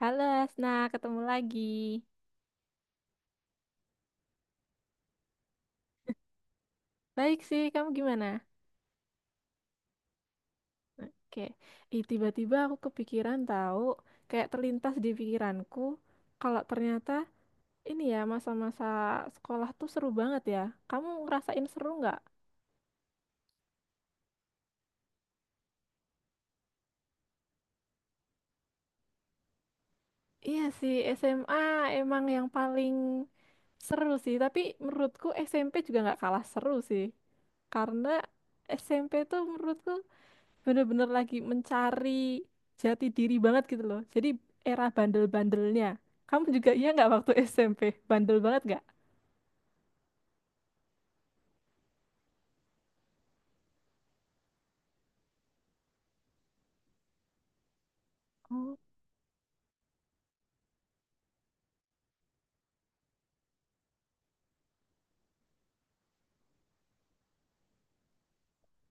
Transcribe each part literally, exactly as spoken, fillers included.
Halo Asna, ketemu lagi. Baik sih, kamu gimana? Oke, ih tiba-tiba aku kepikiran tahu, kayak terlintas di pikiranku, kalau ternyata ini ya masa-masa sekolah tuh seru banget ya. Kamu ngerasain seru nggak? Iya sih, S M A emang yang paling seru sih, tapi menurutku S M P juga nggak kalah seru sih. Karena S M P tuh menurutku bener-bener lagi mencari jati diri banget gitu loh. Jadi era bandel-bandelnya. Kamu juga iya nggak waktu S M P? Bandel banget nggak? Oh,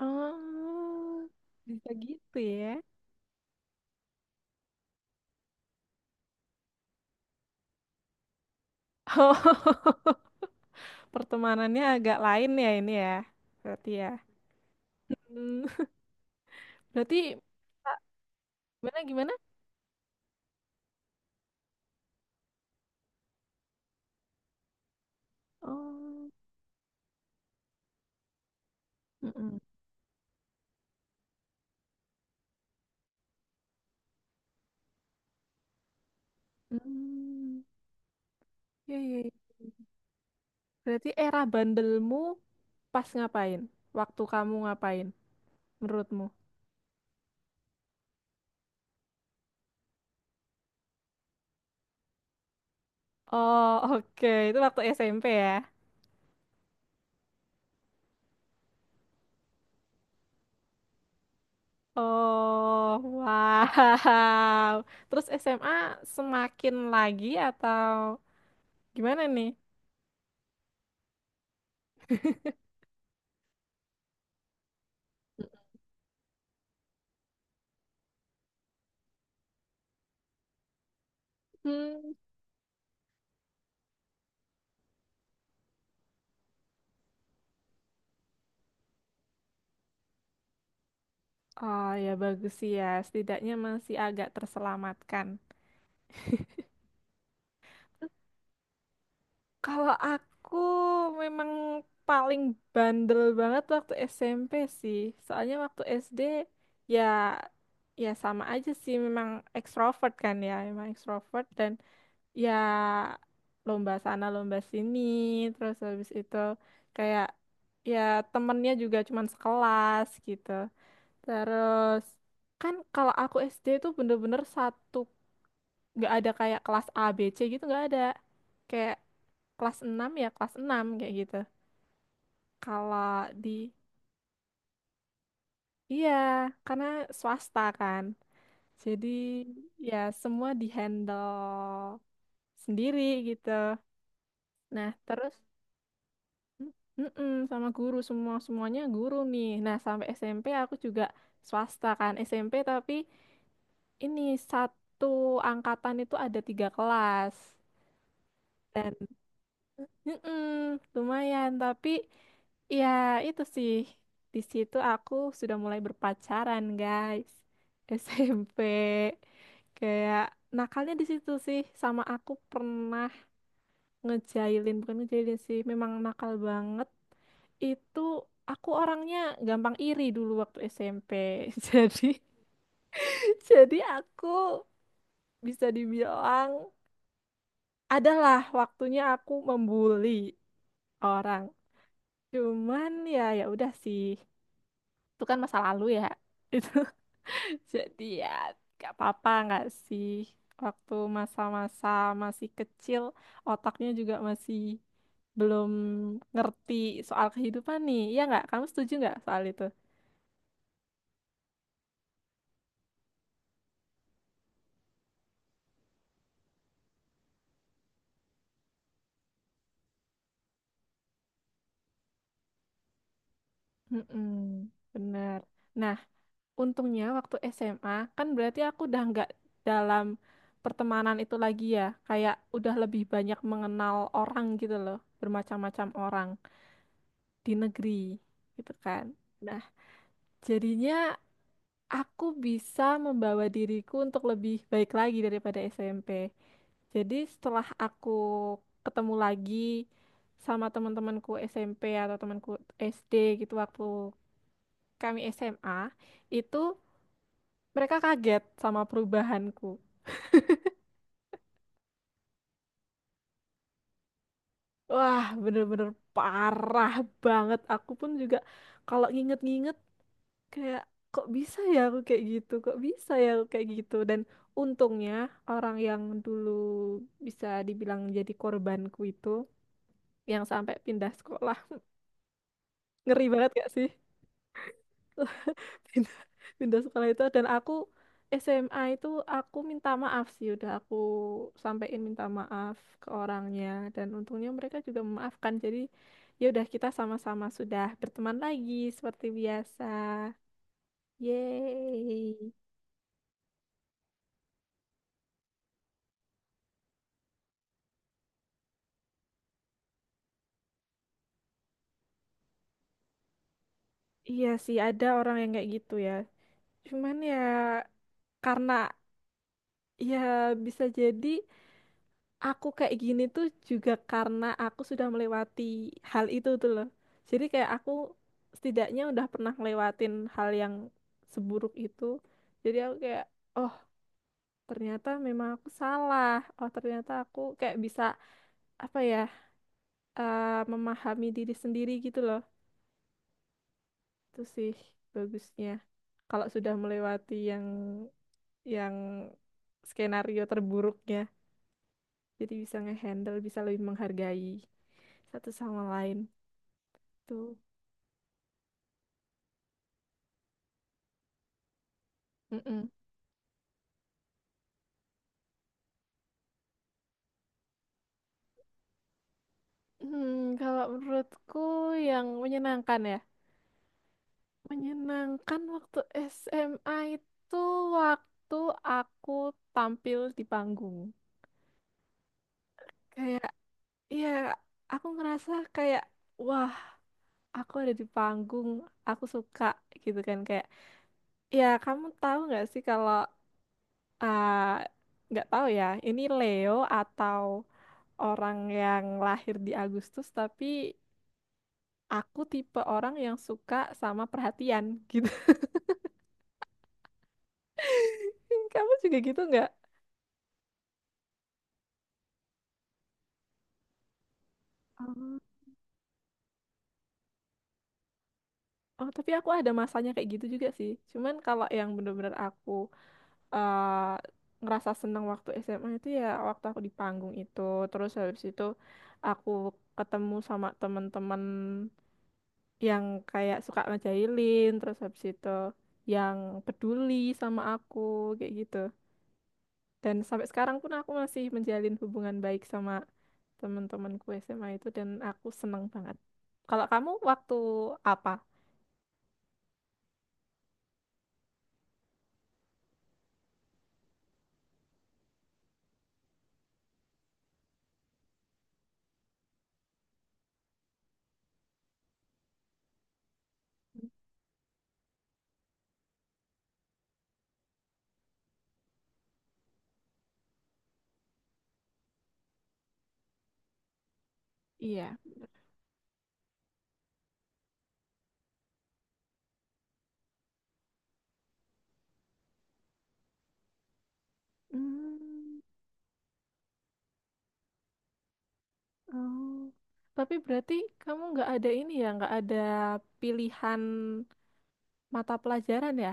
oh, bisa gitu ya. Oh, pertemanannya agak lain ya ini ya. Berarti ya. Hmm, berarti Kak, gimana gimana? Oh, mm-mm. Hmm, ya, ya, ya. Berarti era bandelmu pas ngapain? Waktu kamu ngapain? Menurutmu? Oh, oke. Itu waktu S M P ya. Oh, wow. Terus S M A semakin lagi atau gimana nih? Hmm, oh, ya bagus sih ya. Setidaknya masih agak terselamatkan. Kalau aku memang paling bandel banget waktu S M P sih. Soalnya waktu S D, ya, ya sama aja sih, memang ekstrovert kan ya, memang ekstrovert dan ya lomba sana lomba sini terus habis itu, kayak, ya temennya juga cuman sekelas gitu. Terus kan, kalau aku S D itu bener-bener satu, nggak ada kayak kelas A B C gitu, nggak ada kayak kelas enam ya kelas enam kayak gitu kalau di iya karena swasta kan, jadi ya semua dihandle sendiri gitu. Nah terus, mm-mm, sama guru semua, semuanya guru nih. Nah, sampai S M P aku juga swasta kan, S M P tapi ini satu angkatan itu ada tiga kelas dan mm-mm, lumayan tapi ya itu sih, di situ aku sudah mulai berpacaran guys. S M P kayak nakalnya di situ sih, sama aku pernah ngejailin, bukan ngejailin sih, memang nakal banget itu. Aku orangnya gampang iri dulu waktu S M P jadi jadi aku bisa dibilang adalah waktunya aku membuli orang. Cuman ya ya udah sih, itu kan masa lalu ya Jadi ya gak apa-apa nggak sih waktu masa-masa masih kecil, otaknya juga masih belum ngerti soal kehidupan nih. Iya nggak? Kamu setuju nggak soal itu? Mm-mm, bener. Nah, untungnya waktu S M A kan berarti aku udah nggak dalam pertemanan itu lagi ya. Kayak udah lebih banyak mengenal orang gitu loh, bermacam-macam orang di negeri gitu kan. Nah, jadinya aku bisa membawa diriku untuk lebih baik lagi daripada S M P. Jadi setelah aku ketemu lagi sama teman-temanku S M P atau temanku S D gitu waktu kami S M A, itu mereka kaget sama perubahanku. Wah, bener-bener parah banget. Aku pun juga kalau nginget-nginget kayak, kok bisa ya aku kayak gitu kok bisa ya aku kayak gitu. Dan untungnya orang yang dulu bisa dibilang jadi korbanku itu yang sampai pindah sekolah ngeri banget gak sih pindah pindah sekolah itu, dan aku S M A itu aku minta maaf sih, udah aku sampein minta maaf ke orangnya, dan untungnya mereka juga memaafkan. Jadi ya udah, kita sama-sama sudah berteman lagi seperti biasa, yeay. Iya sih, ada orang yang kayak gitu ya. Cuman ya karena ya bisa jadi aku kayak gini tuh juga karena aku sudah melewati hal itu tuh loh. Jadi kayak aku setidaknya udah pernah ngelewatin hal yang seburuk itu. Jadi aku kayak, oh ternyata memang aku salah. Oh ternyata aku kayak bisa apa ya eh, memahami diri sendiri gitu loh. Itu sih bagusnya kalau sudah melewati yang yang skenario terburuknya. Jadi bisa ngehandle, bisa lebih menghargai satu sama lain. Tuh. Mm-mm. Hmm, kalau menurutku yang menyenangkan ya. Menyenangkan waktu S M A itu waktu aku tampil di panggung. Kayak, ya aku ngerasa kayak, wah aku ada di panggung, aku suka gitu kan. Kayak, ya kamu tahu nggak sih kalau, ah, nggak tahu ya, ini Leo atau orang yang lahir di Agustus, tapi aku tipe orang yang suka sama perhatian gitu. Kamu juga gitu nggak? Oh. Oh, tapi aku ada masanya kayak gitu juga sih. Cuman kalau yang bener-bener aku eh, ngerasa seneng waktu S M A itu ya waktu aku di panggung itu. Terus habis itu aku ketemu sama temen-temen yang kayak suka ngejailin, terus habis itu yang peduli sama aku kayak gitu. Dan sampai sekarang pun aku masih menjalin hubungan baik sama teman-temanku S M A itu dan aku seneng banget kalau kamu waktu apa, iya. Hmm, oh. Tapi berarti kamu nggak ada ini ya, nggak ada pilihan mata pelajaran ya?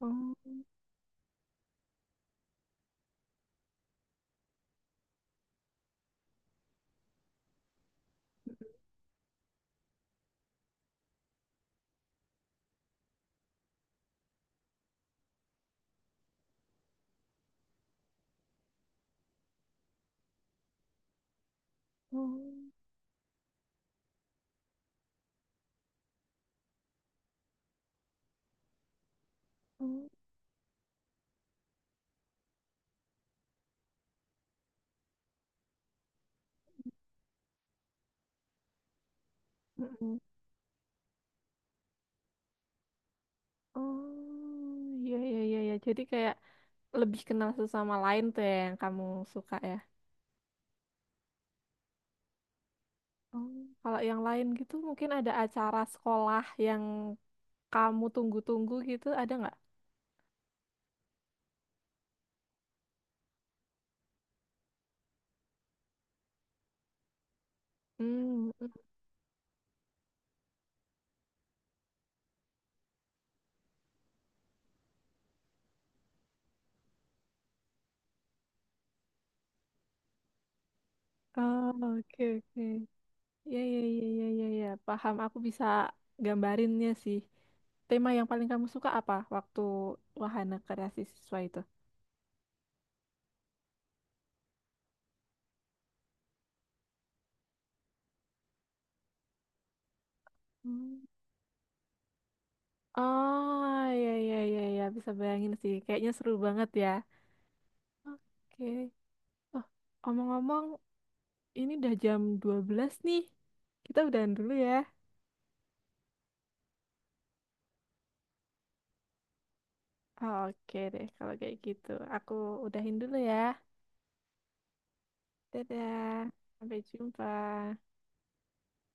Oh, oh, oh. Mm-mm. Oh, iya, iya, iya, iya. Jadi kayak lebih kenal sesama lain tuh ya yang kamu suka ya. Oh, kalau yang lain gitu mungkin ada acara sekolah yang kamu tunggu-tunggu gitu, ada nggak? Hmm, mm. Oh, oke, oke. Iya, iya, iya, iya, iya, iya. Paham, aku bisa gambarinnya sih. Tema yang paling kamu suka apa waktu wahana kreasi siswa itu? Hmm. Oh, iya, iya, iya, iya. Bisa bayangin sih. Kayaknya seru banget ya. Oke. Oh, omong-omong, ini udah jam dua belas nih. Kita udahan dulu ya. Oke deh, kalau kayak gitu. Aku udahin dulu ya. Dadah. Sampai jumpa.